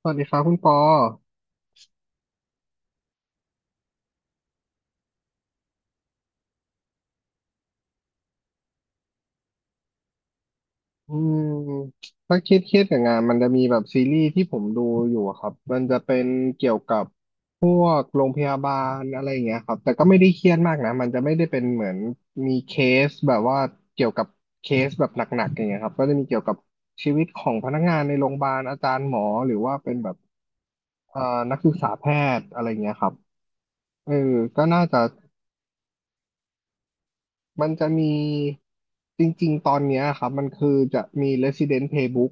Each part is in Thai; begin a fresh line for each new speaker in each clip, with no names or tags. สวัสดีครับคุณปออืมถ้าเครียดกับงานมันจะมีแบบซีรีส์ที่ผมดูอยู่อะครับมันจะเป็นเกี่ยวกับพวกโรงพยาบาลอะไรอย่างเงี้ยครับแต่ก็ไม่ได้เครียดมากนะมันจะไม่ได้เป็นเหมือนมีเคสแบบว่าเกี่ยวกับเคสแบบหนักๆอย่างเงี้ยครับก็จะมีเกี่ยวกับชีวิตของพนักงานในโรงพยาบาลอาจารย์หมอหรือว่าเป็นแบบเอ่อนักศึกษาแพทย์อะไรอย่างเงี้ยครับเออก็น่าจะ มันจะมีจริงๆตอนเนี้ยครับมันคือจะมี Resident Playbook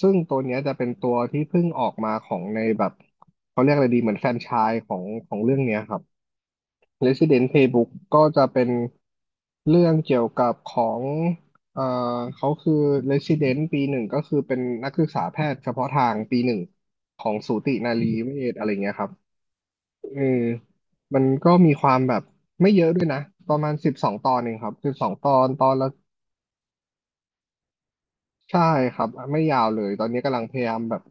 ซึ่งตัวเนี้ยจะเป็นตัวที่เพิ่งออกมาของในแบบเขาเรียกอะไรดีเหมือนแฟรนไชส์ของเรื่องเนี้ยครับ Resident Playbook ก็จะเป็นเรื่องเกี่ยวกับของเอ่อเขาคือ Resident ปีหนึ่งก็คือเป็นนักศึกษาแพทย์เฉพาะทางปีหนึ่งของสูตินารีเวชอะไรเงี้ยครับ เออมันก็มีความแบบไม่เยอะด้วยนะประมาณสิบสองตอนเองครับสิบสองตอนตอนละใช่ครับ ไม่ยาวเลยตอนนี้กำลังพยายามแบบ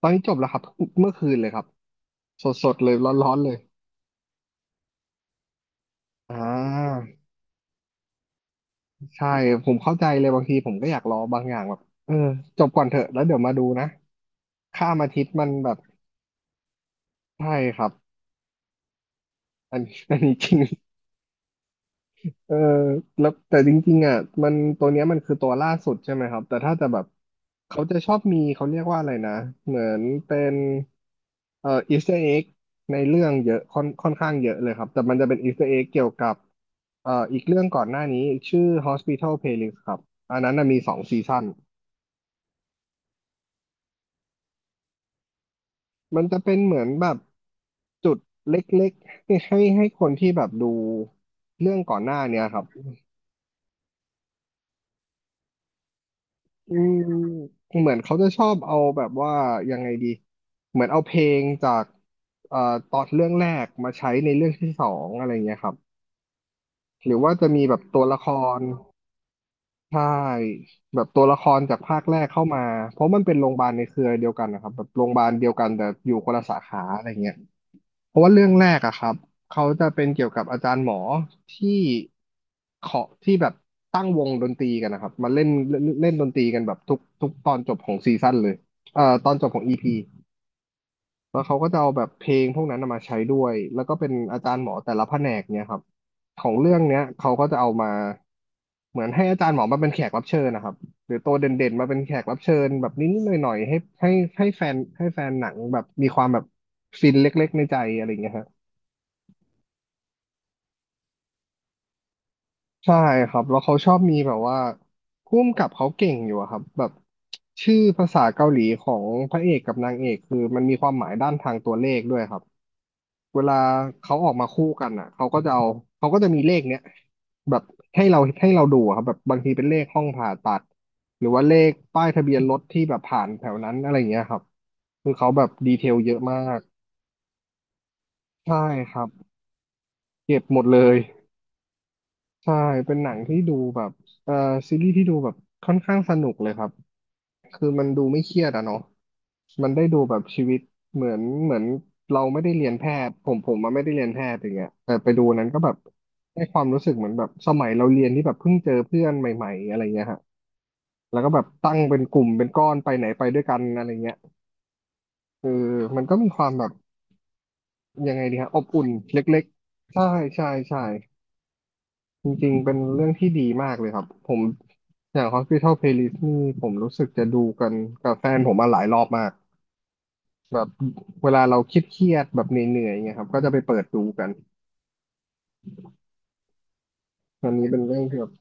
ตอนนี้จบแล้วครับเมื่อคืนเลยครับสดๆเลยร้อนๆเลยอ่าใช่ผมเข้าใจเลยบางทีผมก็อยากรอบางอย่างแบบเออจบก่อนเถอะแล้วเดี๋ยวมาดูนะ ข้ามอาทิตย์มันแบบใช่ครับอันนี้อันนี้จริง เออแล้วแต่จริงๆอ่ะมันตัวเนี้ยมันคือตัวล่าสุดใช่ไหมครับแต่ถ้าจะแบบเขาจะชอบมีเขาเรียกว่าอะไรนะเหมือนเป็นอีสเตอร์เอ็กในเรื่องเยอะค่อนข้างเยอะเลยครับแต่มันจะเป็นอีสเตอร์เอ็กเกี่ยวกับอีกเรื่องก่อนหน้านี้ชื่อ Hospital Playlist ครับอันนั้นน่ะมี2 ซีซั่นมันจะเป็นเหมือนแบบจุดเล็กๆให้คนที่แบบดูเรื่องก่อนหน้าเนี้ยครับ อืมเหมือนเขาจะชอบเอาแบบว่ายังไงดีเหมือนเอาเพลงจากเอ่อตอนเรื่องแรกมาใช้ในเรื่องที่สองอะไรเงี้ยครับหรือว่าจะมีแบบตัวละครใช่แบบตัวละครจากภาคแรกเข้ามาเพราะมันเป็นโรงพยาบาลในเครือเดียวกันนะครับแบบโรงพยาบาลเดียวกันแต่อยู่คนละสาขาอะไรเงี้ย เพราะว่าเรื่องแรกอะครับ เขาจะเป็นเกี่ยวกับอาจารย์หมอที่ขอที่แบบตั้งวงดนตรีกันนะครับ มาเล่นเล่นเล่นดนตรีกันแบบทุกตอนจบของซีซั่นเลยตอนจบของอีพีแล้วเขาก็จะเอาแบบเพลงพวกนั้นน่ะมาใช้ด้วย แล้วก็เป็นอาจารย์หมอแต่ละแผนกเนี่ยครับของเรื่องเนี้ยเขาก็จะเอามาเหมือนให้อาจารย์หมอมาเป็นแขกรับเชิญนะครับหรือตัวเด่นๆมาเป็นแขกรับเชิญแบบนิดๆหน่อยๆให้ให้แฟนหนังแบบมีความแบบฟินเล็กๆในใจอะไรอย่างเงี้ยครับ ใช่ครับแล้วเขาชอบมีแบบว่าผู้กำกับเขาเก่งอยู่อะครับแบบชื่อภาษาเกาหลีของพระเอกกับนางเอกคือมันมีความหมายด้านทางตัวเลขด้วยครับเวลาเขาออกมาคู่กันอ่ะเขาก็จะเอาเขาก็จะมีเลขเนี้ยแบบให้เราดูอะครับแบบบางทีเป็นเลขห้องผ่าตัดหรือว่าเลขป้ายทะเบียนรถที่แบบผ่านแถวนั้นอะไรอย่างเงี้ยครับคือเขาแบบดีเทลเยอะมากใช่ครับเก็บหมดเลย ใช่เป็นหนังที่ดูแบบเอ่อซีรีส์ที่ดูแบบค่อนข้างสนุกเลยครับคือมันดูไม่เครียดอะเนาะมันได้ดูแบบชีวิตเหมือนเราไม่ได้เรียนแพทย์ผมมาไม่ได้เรียนแพทย์อย่างเงี้ยแต่ไปดูนั้นก็แบบให้ความรู้สึกเหมือนแบบสมัยเราเรียนที่แบบเพิ่งเจอเพื่อนใหม่ๆอะไรเงี้ยฮะแล้วก็แบบตั้งเป็นกลุ่มเป็นก้อนไปไหนไปด้วยกันอะไรเงี้ยคือมันก็มีความแบบยังไงดีฮะอบอุ่นเล็กๆใช่ใช่ใช่ จริงๆเป็นเรื่องที่ดีมากเลยครับผมอย่าง Hospital Playlist นี่ผมรู้สึกจะดูกันกับแฟนผมมาหลายรอบมากแบบเวลาเราคิดเครียดๆแบบเหนื่อยๆเงี้ยครับก็จะไปเปิดดูกันอันนี้เป็นเรื่องที่แบบ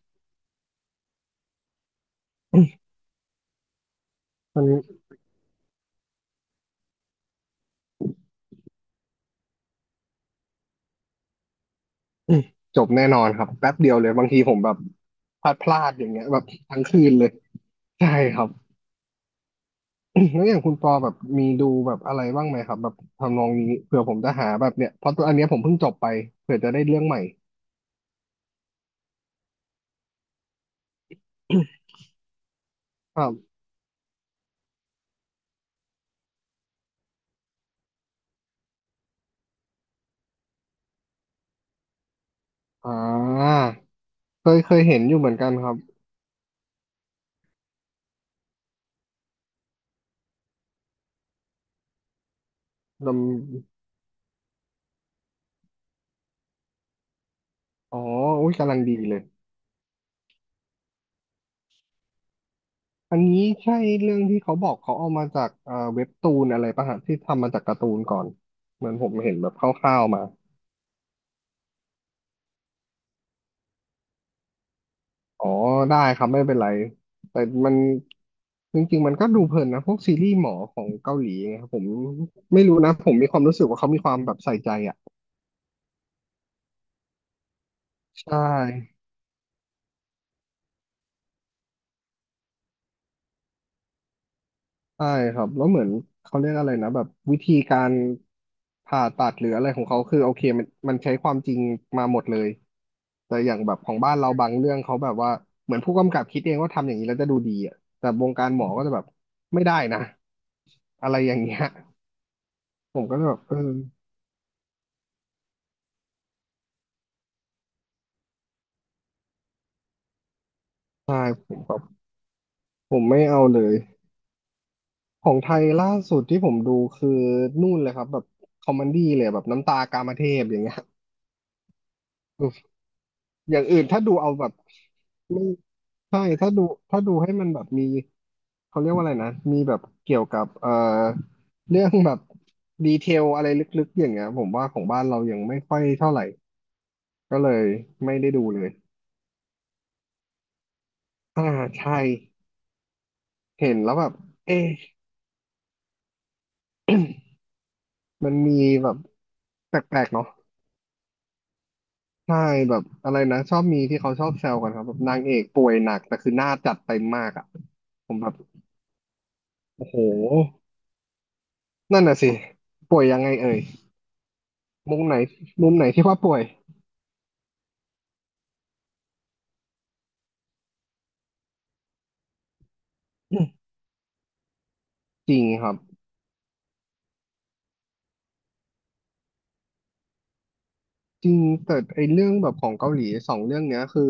มัน จบแน่นอนครับแป๊บเดียวเลยบางทีผมแบบพลาดอย่างเงี้ยแบบทั้งคืนเลยใช่ครับ แล้วอย่างคุณปอแบบมีดูแบบอะไรบ้างไหมครับแบบทำนองนี้เผื่อผมจะหาแบบเนี้ยเพราะตัวอันเนี้ยผมเพิ่งจบไปเผื่อจะได้เรื่องใหม่ครับอ่า เคยเห็นอยู่เหมือนกันครับลำอ๋ออุ้ยกำลังดีเลย อันนี้ใช่เรื่องที่เขาบอกเขาเอามาจากเว็บตูนอะไรปะฮะที่ทำมาจากการ์ตูนก่อน เหมือนผมเห็นแบบคร่าวๆมา อ๋อ ได้ครับไม่เป็นไร แต่มันจริงๆมันดูเพลินนะพวกซีรีส์หมอของเกาหลีไงครับผมไม่รู้นะผมมีความรู้สึกว่าเขามีความแบบใส่ใจอ่ะใช่ ใช่ครับแล้วเหมือนเขาเรียกอะไรนะแบบวิธีการผ่าตัดหรืออะไรของเขาคือโอเคมันใช้ความจริงมาหมดเลยแต่อย่างแบบของบ้านเราบางเรื่องเขาแบบว่าเหมือนผู้กำกับคิดเองว่าทำอย่างนี้แล้วจะดูดีอ่ะแต่วงการหมอก็จะแบบไม่ได้นะอะไรอย่างเงี้ยผมก็จะแบบเออใช่ผมแบบผมไม่เอาเลยของไทยล่าสุดที่ผมดูคือนู่นเลยครับแบบคอมเมดี้เลยแบบน้ำตากามเทพอย่างเงี้ย อย่างอื่นถ้าดูเอาแบบไม่ใช่ถ้าดูถ้าดูให้มันแบบมีเขาเรียกว่าอะไรนะมีแบบเกี่ยวกับเรื่องแบบดีเทลอะไรลึกๆอย่างเงี้ยผมว่าของบ้านเรายังไม่ค่อยเท่าไหร่ก็เลยไม่ได้ดูเลยอ่าใช่เห็นแล้วแบบเอ๊ะมันมีแบบแปลกๆเนาะใช่แบบอะไรนะชอบมีที่เขาชอบแซวกันครับแบบนางเอกป่วยหนักแต่คือหน้าจัดเต็มมากอ่ะผมแบบโอ้โหนั่นน่ะสิป่วยยังไงเอ่ย มุมไหนมุมไหนที่ว่าป่วย จริงครับจริงแต่ไอเรื่องแบบของเกาหลีสองเรื่องเนี้ยคือ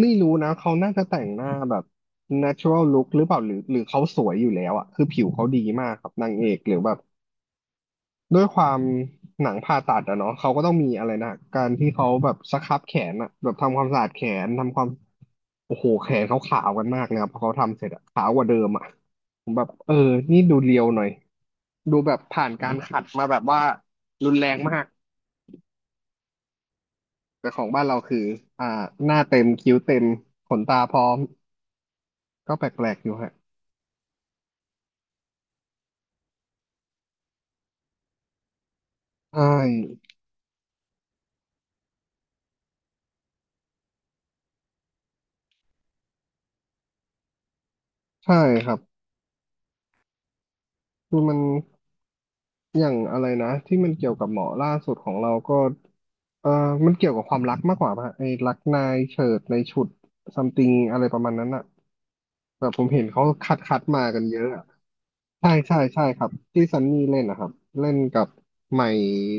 ไม่รู้นะเขาน่าจะแต่งหน้าแบบ natural look หรือเปล่าหรือเขาสวยอยู่แล้วอะคือผิวเขาดีมากครับนางเอกหรือแบบด้วยความหนังผ่าตัดอะเนาะเขาก็ต้องมีอะไรนะการที่เขาแบบสครับแขนอะแบบทำความสะอาดแขนทำความโอ้โหแขนเขาขาวกันมากนะครับพอเขาทำเสร็จอะขาวกว่าเดิมอะผมแบบเออนี่ดูเรียวหน่อย ดูแบบผ่านการขัดมาแบบว่ารุนแรงมากแต่ของบ้านเราคืออ่าหน้าเต็มคิ้วเต็มขนตาพร้อมก็แปลกๆอยู่ฮะใช่ใช่ครับคือมันอย่างอะไรนะที่มันเกี่ยวกับหมอล่าสุดของเราก็เออมันเกี่ยวกับความรักมากกว่าป่ะไอ้รักนายเฉิดนายฉุดซัมติงอะไรประมาณนั้นอะแบบผมเห็นเขาคัดมากันเยอะอะ ใช่ครับที่ซันนี่เล่นนะครับเล่นกับใหม่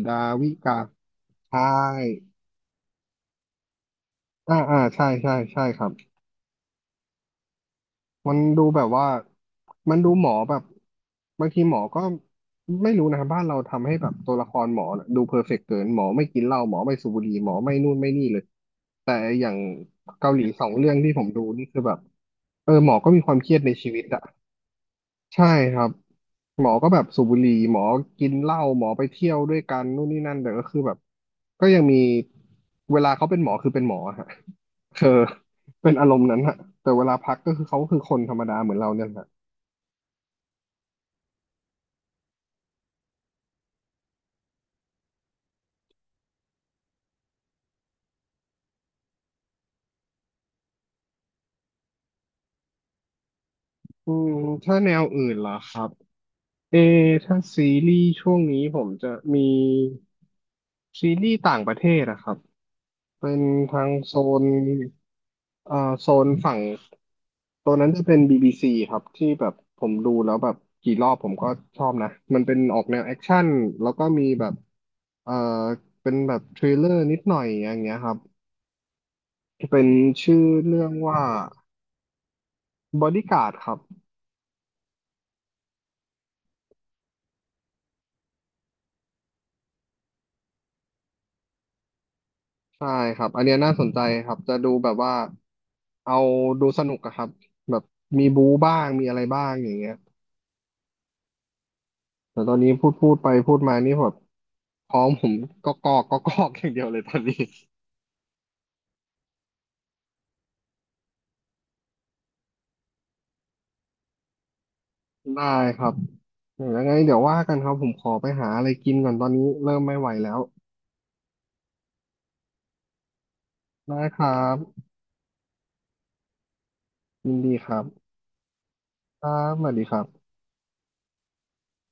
ดาวิกาใช่ใช่ครับมันดูแบบว่ามันดูหมอแบบบางทีหมอก็ไม่รู้นะครับบ้านเราทำให้แบบตัวละครหมอน่ะดูเพอร์เฟกต์เกินหมอไม่กินเหล้าหมอไม่สูบบุหรี่หมอไม่นู่นไม่นี่เลยแต่อย่างเกาหลีสองเรื่องที่ผมดูนี่คือแบบเออหมอก็มีความเครียดในชีวิตอะ ใช่ครับหมอก็แบบสูบบุหรี่หมอกินเหล้าหมอไปเที่ยวด้วยกันนู่นนี่นั่นแต่ก็คือแบบก็ยังมีเวลาเขาเป็นหมอคือเป็นหมอฮะคือเป็นอารมณ์นั้นฮะแต่เวลาพักก็คือเขาคือคนธรรมดาเหมือนเราเนี่ยฮะอืมถ้าแนวอื่นเหรอครับเอถ้าซีรีส์ช่วงนี้ผมจะมีซีรีส์ต่างประเทศอะครับ เป็นทางโซนเอ่อโซนฝั่งตัวนั้นจะเป็น BBC ครับที่แบบผมดูแล้วแบบกี่รอบผมก็ชอบนะมันเป็นออกแนวแอคชั่นแล้วก็มีแบบเอ่อเป็นแบบทริลเลอร์นิดหน่อยอย่างเงี้ยครับเป็นชื่อเรื่องว่าบอดี้การ์ดครับใช่ครับอันเนี้ยน่าสนใจครับจะดูแบบว่าเอาดูสนุกอะครับแบบมีบู๊บ้างมีอะไรบ้างอย่างเงี้ยแต่ตอนนี้พูดไปพูดมานี่แบบ พร้อมผมก็กอกอย่างเดียวเลยตอนนี้ได้ครับยังไงเดี๋ยวว่ากันครับผมขอไปหาอะไรกินก่อนตอนนี้เริ่มไม่ไหวแล้วได้ครับยินดีครับครับสวัสดีครับ